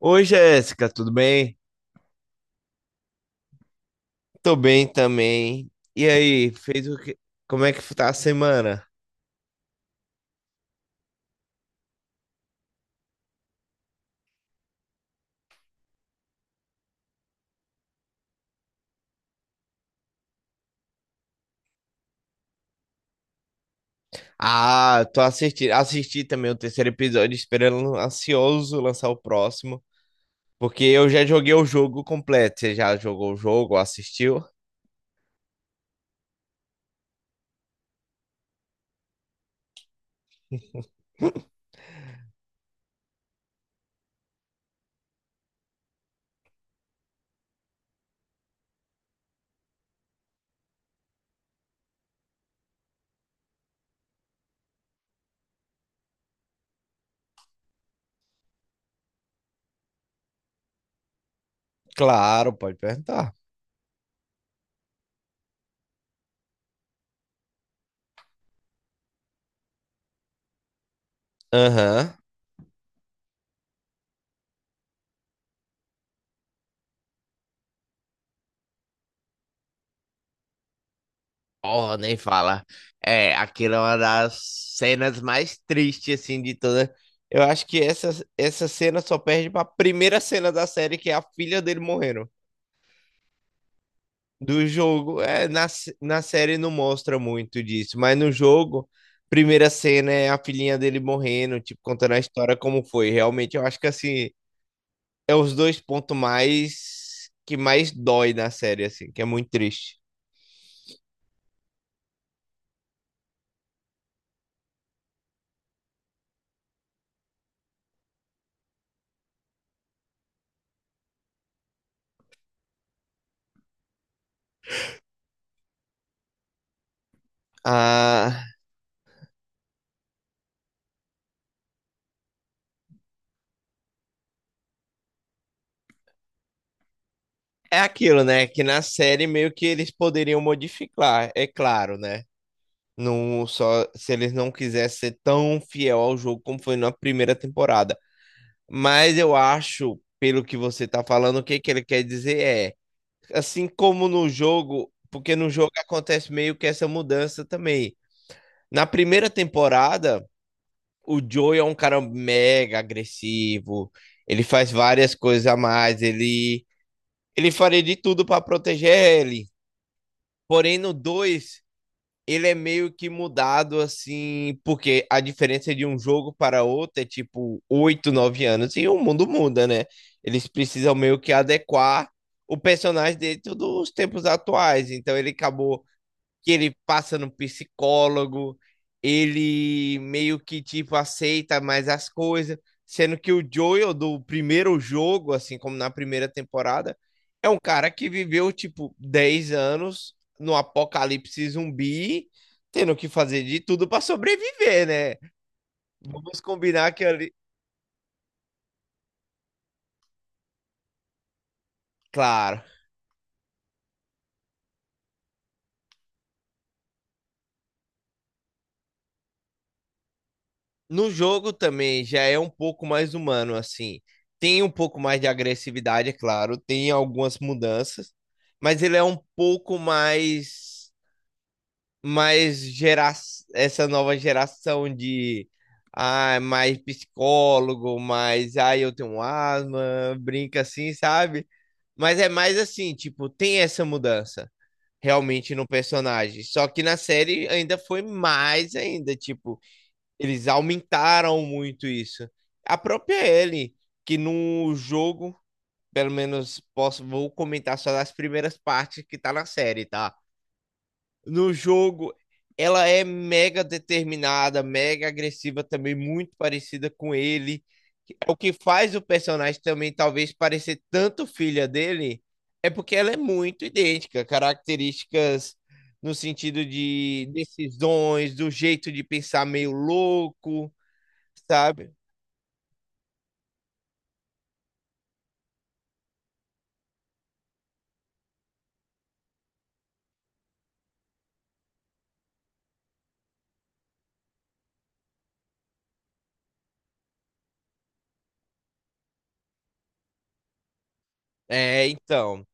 Oi, Jéssica, tudo bem? Tô bem também. E aí, fez o que? Como é que tá a semana? Ah, tô assistindo, assisti também o terceiro episódio, esperando ansioso lançar o próximo, porque eu já joguei o jogo completo. Você já jogou o jogo, assistiu? Claro, pode perguntar. Aham. Oh, nem fala. É, aquilo é uma das cenas mais tristes, assim, de toda. Eu acho que essa cena só perde pra primeira cena da série, que é a filha dele morrendo. Do jogo. É, na série não mostra muito disso, mas no jogo, primeira cena é a filhinha dele morrendo, tipo, contando a história como foi. Realmente, eu acho que assim, é os dois pontos mais que mais dói na série, assim, que é muito triste. Ah, é aquilo, né? Que na série meio que eles poderiam modificar, é claro, né? Não só se eles não quisessem ser tão fiel ao jogo como foi na primeira temporada. Mas eu acho, pelo que você tá falando, o que que ele quer dizer é, assim como no jogo, porque no jogo acontece meio que essa mudança também. Na primeira temporada, o Joey é um cara mega agressivo, ele faz várias coisas a mais, ele faria de tudo para proteger ele. Porém, no 2 ele é meio que mudado assim, porque a diferença de um jogo para outro é tipo 8 9 anos e o mundo muda, né? Eles precisam meio que adequar o personagem dentro dos tempos atuais. Então ele acabou que ele passa no psicólogo, ele meio que tipo aceita mais as coisas, sendo que o Joel do primeiro jogo, assim como na primeira temporada, é um cara que viveu tipo 10 anos no apocalipse zumbi, tendo que fazer de tudo para sobreviver, né? Vamos combinar que ali, claro. No jogo também já é um pouco mais humano, assim. Tem um pouco mais de agressividade, é claro, tem algumas mudanças, mas ele é um pouco mais gera essa nova geração de ah, mais psicólogo, mais ah, eu tenho asma, brinca assim, sabe? Mas é mais assim, tipo, tem essa mudança realmente no personagem. Só que na série ainda foi mais ainda, tipo, eles aumentaram muito isso. A própria Ellie, que no jogo, pelo menos posso, vou comentar só das primeiras partes que tá na série, tá? No jogo, ela é mega determinada, mega agressiva também, muito parecida com ele. É o que faz o personagem também talvez parecer tanto filha dele, é porque ela é muito idêntica, características no sentido de decisões, do jeito de pensar meio louco, sabe? É, então,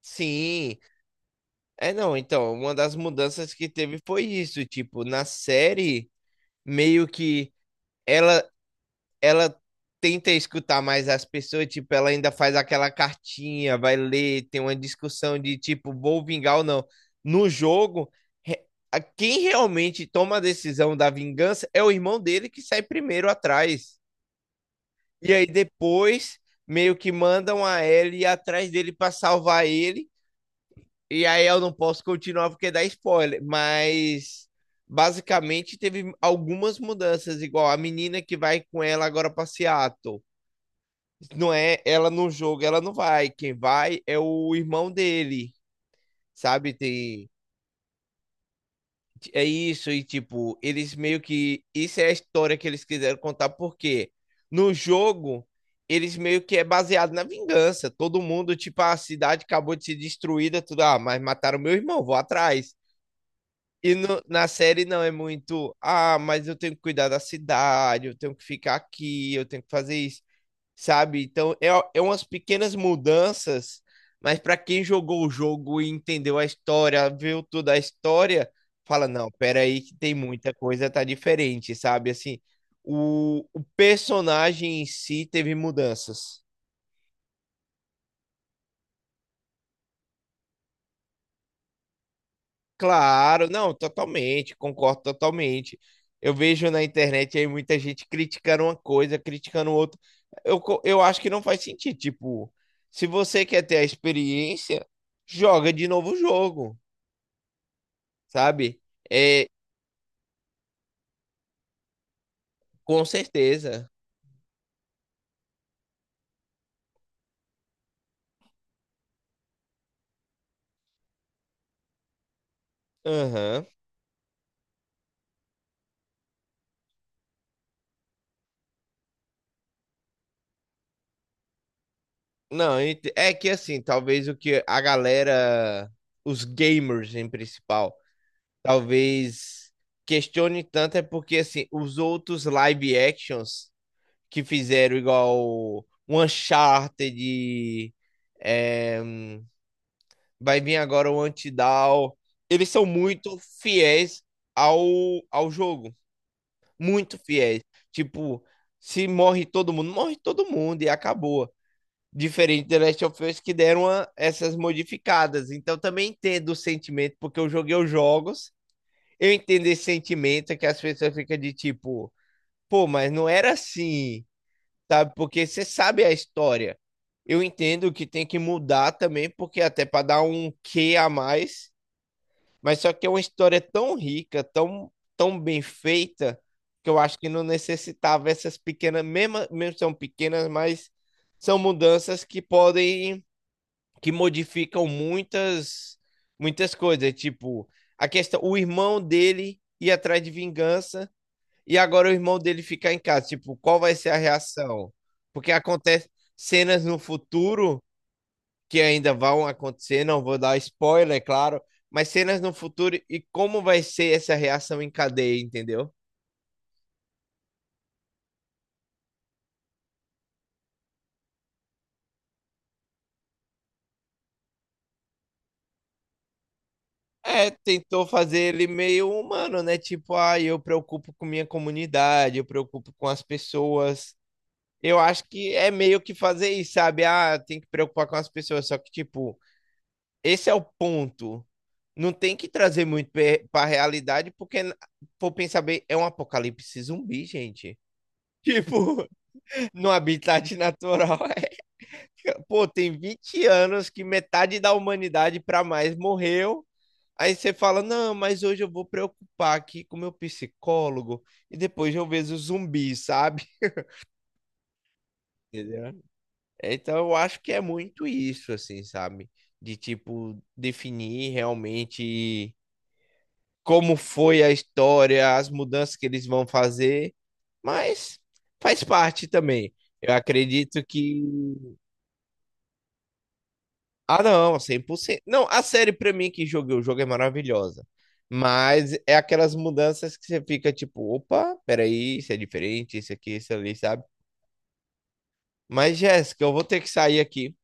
sim. É, não, então, uma das mudanças que teve foi isso, tipo, na série, meio que ela ela tenta escutar mais as pessoas, tipo, ela ainda faz aquela cartinha, vai ler, tem uma discussão de tipo, vou vingar ou não. No jogo, re- quem realmente toma a decisão da vingança é o irmão dele que sai primeiro atrás. E aí depois meio que mandam a Ellie atrás dele para salvar ele. E aí eu não posso continuar porque dá spoiler, mas basicamente teve algumas mudanças, igual a menina que vai com ela agora pra Seattle. Não é ela no jogo, ela não vai. Quem vai é o irmão dele, sabe? Tem é isso e tipo, eles meio que isso é a história que eles quiseram contar porque no jogo eles meio que é baseado na vingança. Todo mundo, tipo, "Ah, a cidade acabou de ser destruída, tudo, ah, mas mataram meu irmão, vou atrás. E na série não é muito, ah, mas eu tenho que cuidar da cidade, eu tenho que ficar aqui, eu tenho que fazer isso, sabe? Então é umas pequenas mudanças, mas para quem jogou o jogo e entendeu a história, viu toda a história, fala, não, peraí que tem muita coisa, tá diferente, sabe? Assim, o personagem em si teve mudanças. Claro, não, totalmente, concordo totalmente. Eu vejo na internet aí muita gente criticando uma coisa, criticando outra. Eu acho que não faz sentido. Tipo, se você quer ter a experiência, joga de novo o jogo, sabe? É, com certeza. Aham. Não, é que assim, talvez o que a galera, os gamers em principal, talvez questione tanto é porque assim, os outros live actions. Que fizeram igual o Uncharted, é, vai vir agora o Antidown. Eles são muito fiéis ao, ao jogo. Muito fiéis. Tipo, se morre todo mundo, morre todo mundo e acabou. Diferente do Last of Us que deram essas modificadas. Então também entendo o sentimento, porque eu joguei os jogos. Eu entendo esse sentimento que as pessoas ficam de tipo, pô, mas não era assim. Sabe? Porque você sabe a história. Eu entendo que tem que mudar também, porque até para dar um quê a mais, mas só que é uma história tão rica, tão, tão bem feita, que eu acho que não necessitava essas pequenas, mesmo, mesmo são pequenas, mas são mudanças que podem, que modificam muitas, muitas coisas. Tipo, a questão, o irmão dele ir atrás de vingança e agora o irmão dele ficar em casa. Tipo, qual vai ser a reação? Porque acontece cenas no futuro que ainda vão acontecer, não vou dar spoiler, é claro, mas cenas no futuro e como vai ser essa reação em cadeia, entendeu? É, tentou fazer ele meio humano, né? Tipo, ah, eu preocupo com minha comunidade, eu preocupo com as pessoas. Eu acho que é meio que fazer isso, sabe? Ah, tem que preocupar com as pessoas, só que, tipo, esse é o ponto não tem que trazer muito para realidade, porque, por pensar bem, é um apocalipse zumbi, gente. Tipo, no habitat natural, é. Pô, tem 20 anos que metade da humanidade para mais morreu. Aí você fala: não, mas hoje eu vou preocupar aqui com meu psicólogo e depois eu vejo o zumbi, sabe? Entendeu? Então eu acho que é muito isso, assim, sabe? De tipo, definir realmente como foi a história, as mudanças que eles vão fazer, mas faz parte também. Eu acredito que. Ah, não, 100%. Não, a série pra mim que joguei o jogo é maravilhosa. Mas é aquelas mudanças que você fica tipo, opa, peraí, isso é diferente, isso aqui, isso ali, sabe? Mas, Jéssica, eu vou ter que sair aqui.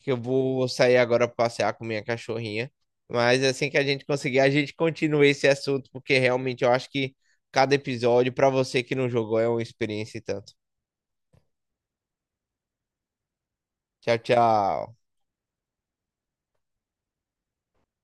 Que eu vou sair agora para passear com minha cachorrinha. Mas assim que a gente conseguir, a gente continua esse assunto, porque realmente eu acho que cada episódio, para você que não jogou, é uma experiência e tanto. Tchau, tchau.